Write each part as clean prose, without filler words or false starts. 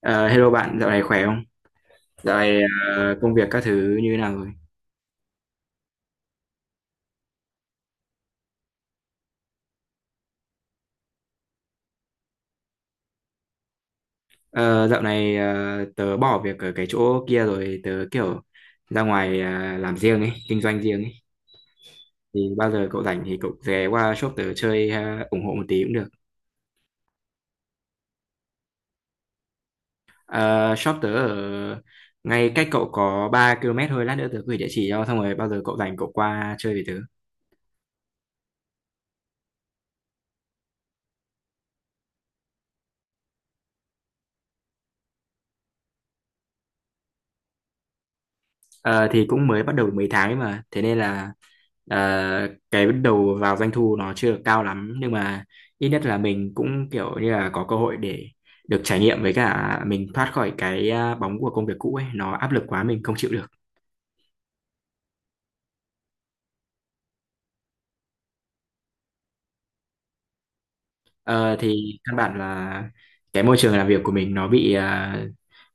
Ờ, Hello bạn, dạo này khỏe không? Dạo này công việc các thứ như thế nào rồi? Ờ, Dạo này tớ bỏ việc ở cái chỗ kia rồi, tớ kiểu ra ngoài làm riêng ấy, kinh doanh riêng ấy. Thì bao giờ cậu rảnh thì cậu ghé qua shop tớ chơi, ủng hộ một tí cũng được. Ờ, Shop tớ ở ngay cách cậu có 3 km thôi, lát nữa tớ gửi địa chỉ cho, xong rồi bao giờ cậu rảnh cậu qua chơi với tớ. Ờ, thì cũng mới bắt đầu được mấy tháng ấy mà, thế nên là ờ, cái bắt đầu vào doanh thu nó chưa được cao lắm, nhưng mà ít nhất là mình cũng kiểu như là có cơ hội để được trải nghiệm, với cả mình thoát khỏi cái bóng của công việc cũ ấy, nó áp lực quá mình không chịu được. Ờ, thì căn bản là cái môi trường làm việc của mình nó bị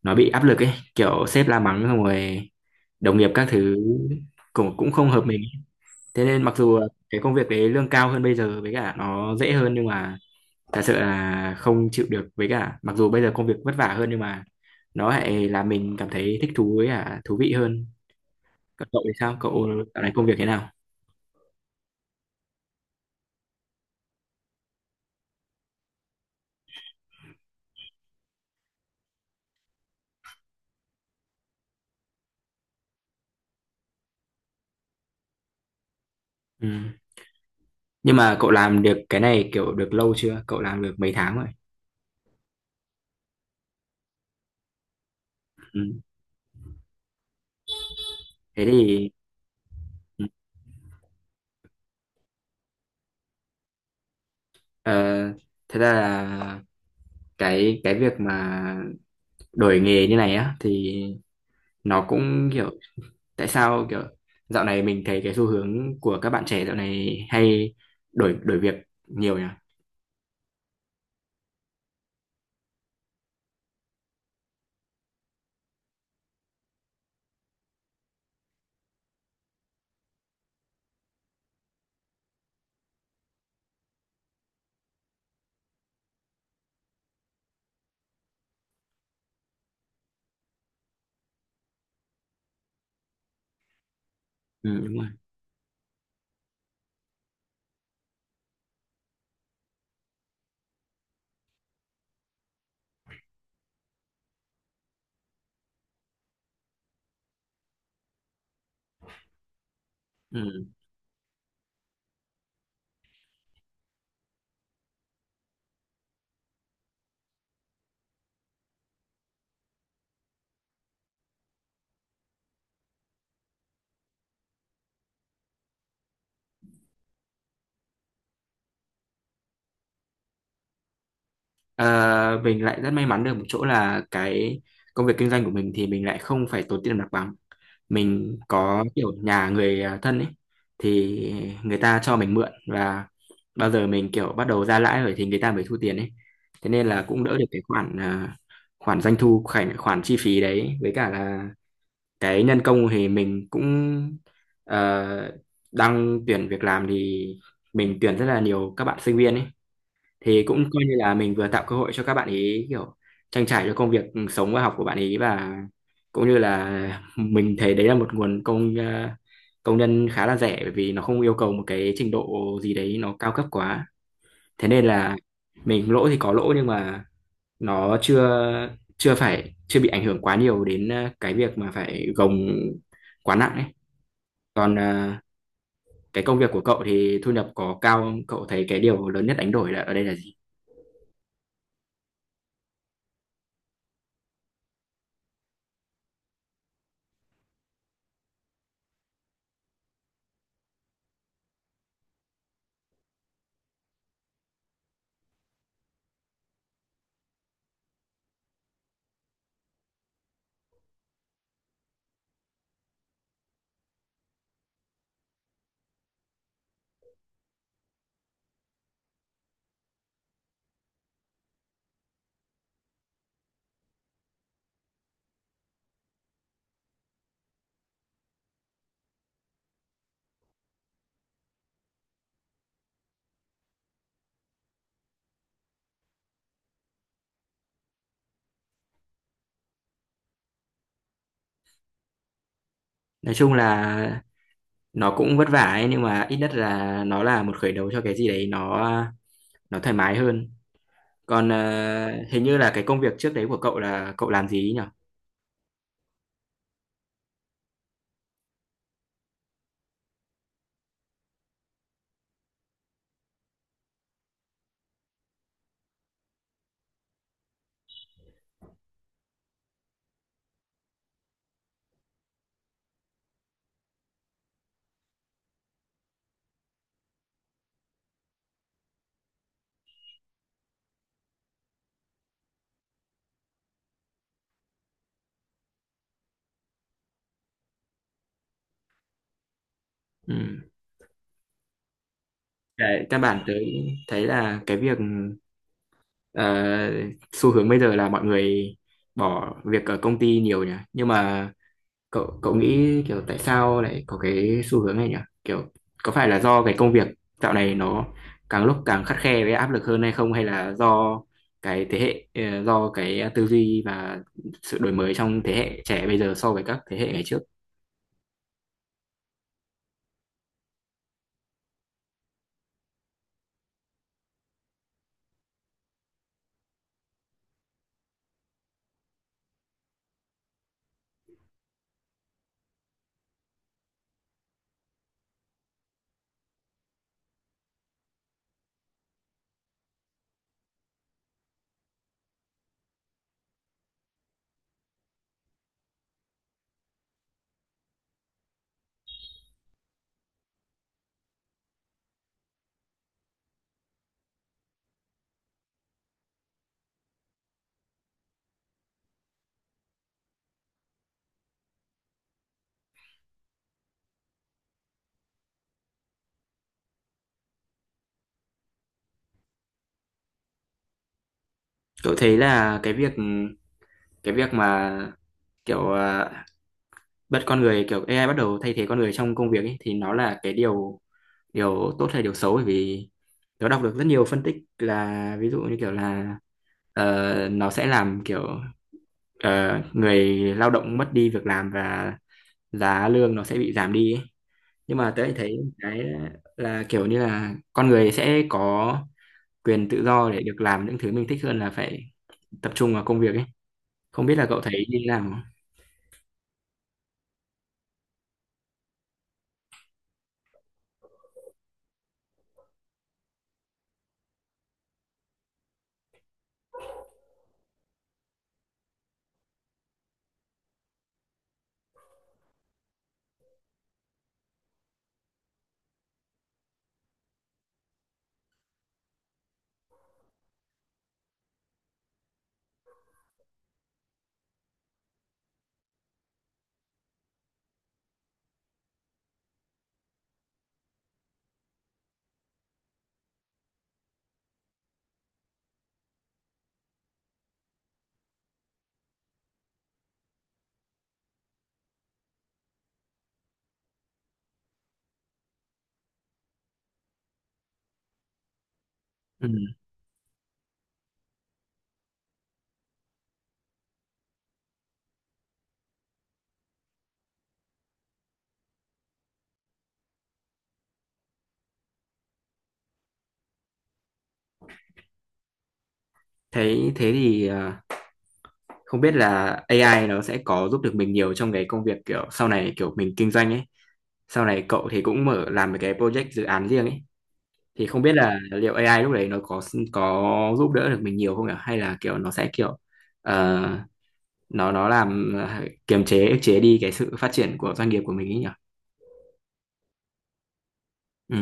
nó bị áp lực ấy, kiểu sếp la mắng xong rồi đồng nghiệp các thứ cũng cũng không hợp mình, thế nên mặc dù cái công việc đấy lương cao hơn bây giờ với cả nó dễ hơn, nhưng mà thật sự là không chịu được, với cả mặc dù bây giờ công việc vất vả hơn nhưng mà nó lại làm mình cảm thấy thích thú với cả thú vị hơn. Còn cậu thì sao, cậu dạo này công việc thế nào? Ừ. Nhưng mà cậu làm được cái này kiểu được lâu chưa, cậu làm được mấy tháng rồi? Ừ. Thế thì ờ, thật ra là cái việc mà đổi nghề như này á thì nó cũng kiểu, tại sao kiểu dạo này mình thấy cái xu hướng của các bạn trẻ dạo này hay đổi đổi việc nhiều nhỉ? Ừ, đúng rồi. Ừ. Ờ, mình lại rất may mắn được một chỗ là cái công việc kinh doanh của mình thì mình lại không phải tốn tiền mặt bằng. Mình có kiểu nhà người thân ấy thì người ta cho mình mượn, và bao giờ mình kiểu bắt đầu ra lãi rồi thì người ta mới thu tiền ấy. Thế nên là cũng đỡ được cái khoản, khoản doanh thu, khoản khoản chi phí đấy. Với cả là cái nhân công thì mình cũng ờ, đang tuyển việc làm, thì mình tuyển rất là nhiều các bạn sinh viên ấy, thì cũng coi như là mình vừa tạo cơ hội cho các bạn ấy kiểu trang trải cho công việc, ừ, sống và học của bạn ấy, và cũng như là mình thấy đấy là một nguồn công, công nhân khá là rẻ, bởi vì nó không yêu cầu một cái trình độ gì đấy nó cao cấp quá. Thế nên là mình lỗ thì có lỗ, nhưng mà nó chưa, chưa phải chưa bị ảnh hưởng quá nhiều đến cái việc mà phải gồng quá nặng ấy. Còn cái công việc của cậu thì thu nhập có cao không? Cậu thấy cái điều lớn nhất đánh đổi là ở đây là gì? Nói chung là nó cũng vất vả ấy, nhưng mà ít nhất là nó là một khởi đầu cho cái gì đấy nó thoải mái hơn. Còn hình như là cái công việc trước đấy của cậu là cậu làm gì ấy nhỉ? Ừ. Cái căn bản tới thấy là cái việc ờ, xu hướng bây giờ là mọi người bỏ việc ở công ty nhiều nhỉ, nhưng mà cậu cậu nghĩ kiểu tại sao lại có cái xu hướng này nhỉ? Kiểu có phải là do cái công việc dạo này nó càng lúc càng khắt khe với áp lực hơn hay không, hay là do cái thế hệ, do cái tư duy và sự đổi mới trong thế hệ trẻ bây giờ so với các thế hệ ngày trước? Cậu thấy là cái việc, cái việc mà kiểu bất con người kiểu AI bắt đầu thay thế con người trong công việc ấy, thì nó là cái điều, điều tốt hay điều xấu? Bởi vì nó đọc được rất nhiều phân tích là ví dụ như kiểu là nó sẽ làm kiểu người lao động mất đi việc làm, và giá lương nó sẽ bị giảm đi ấy. Nhưng mà tớ lại thấy cái là kiểu như là con người sẽ có quyền tự do để được làm những thứ mình thích hơn là phải tập trung vào công việc ấy. Không biết là cậu thấy như thế nào? Ừ. Thấy thế thì không biết là AI nó sẽ có giúp được mình nhiều trong cái công việc kiểu sau này, kiểu mình kinh doanh ấy, sau này cậu thì cũng mở làm một cái project, dự án riêng ấy, thì không biết là liệu AI lúc đấy nó có giúp đỡ được mình nhiều không nhỉ, hay là kiểu nó sẽ kiểu ờ, nó làm kiềm chế ức chế đi cái sự phát triển của doanh nghiệp của mình ấy nhỉ? Ừ.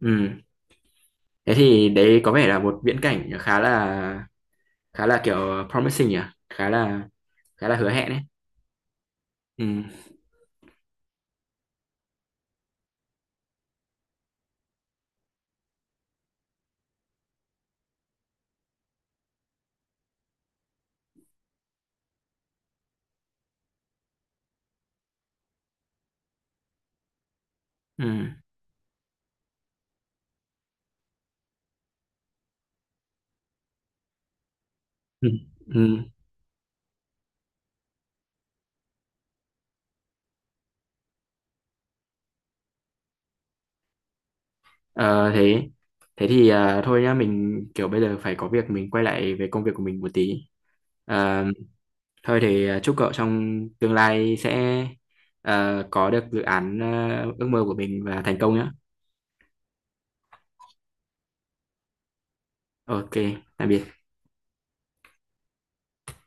Ừ. Thế thì đấy có vẻ là một viễn cảnh khá là, khá là kiểu promising nhỉ, khá là, khá là hứa hẹn ấy. Ừ. Ừ. Ừ. Ừ. Ờ, Thế, thế thì à, thôi nhá, mình kiểu bây giờ phải có việc, mình quay lại về công việc của mình một tí. Ờ, Thôi thì à, chúc cậu trong tương lai sẽ, à, có được dự án, à, ước mơ của mình và thành công nhé. OK, tạm biệt.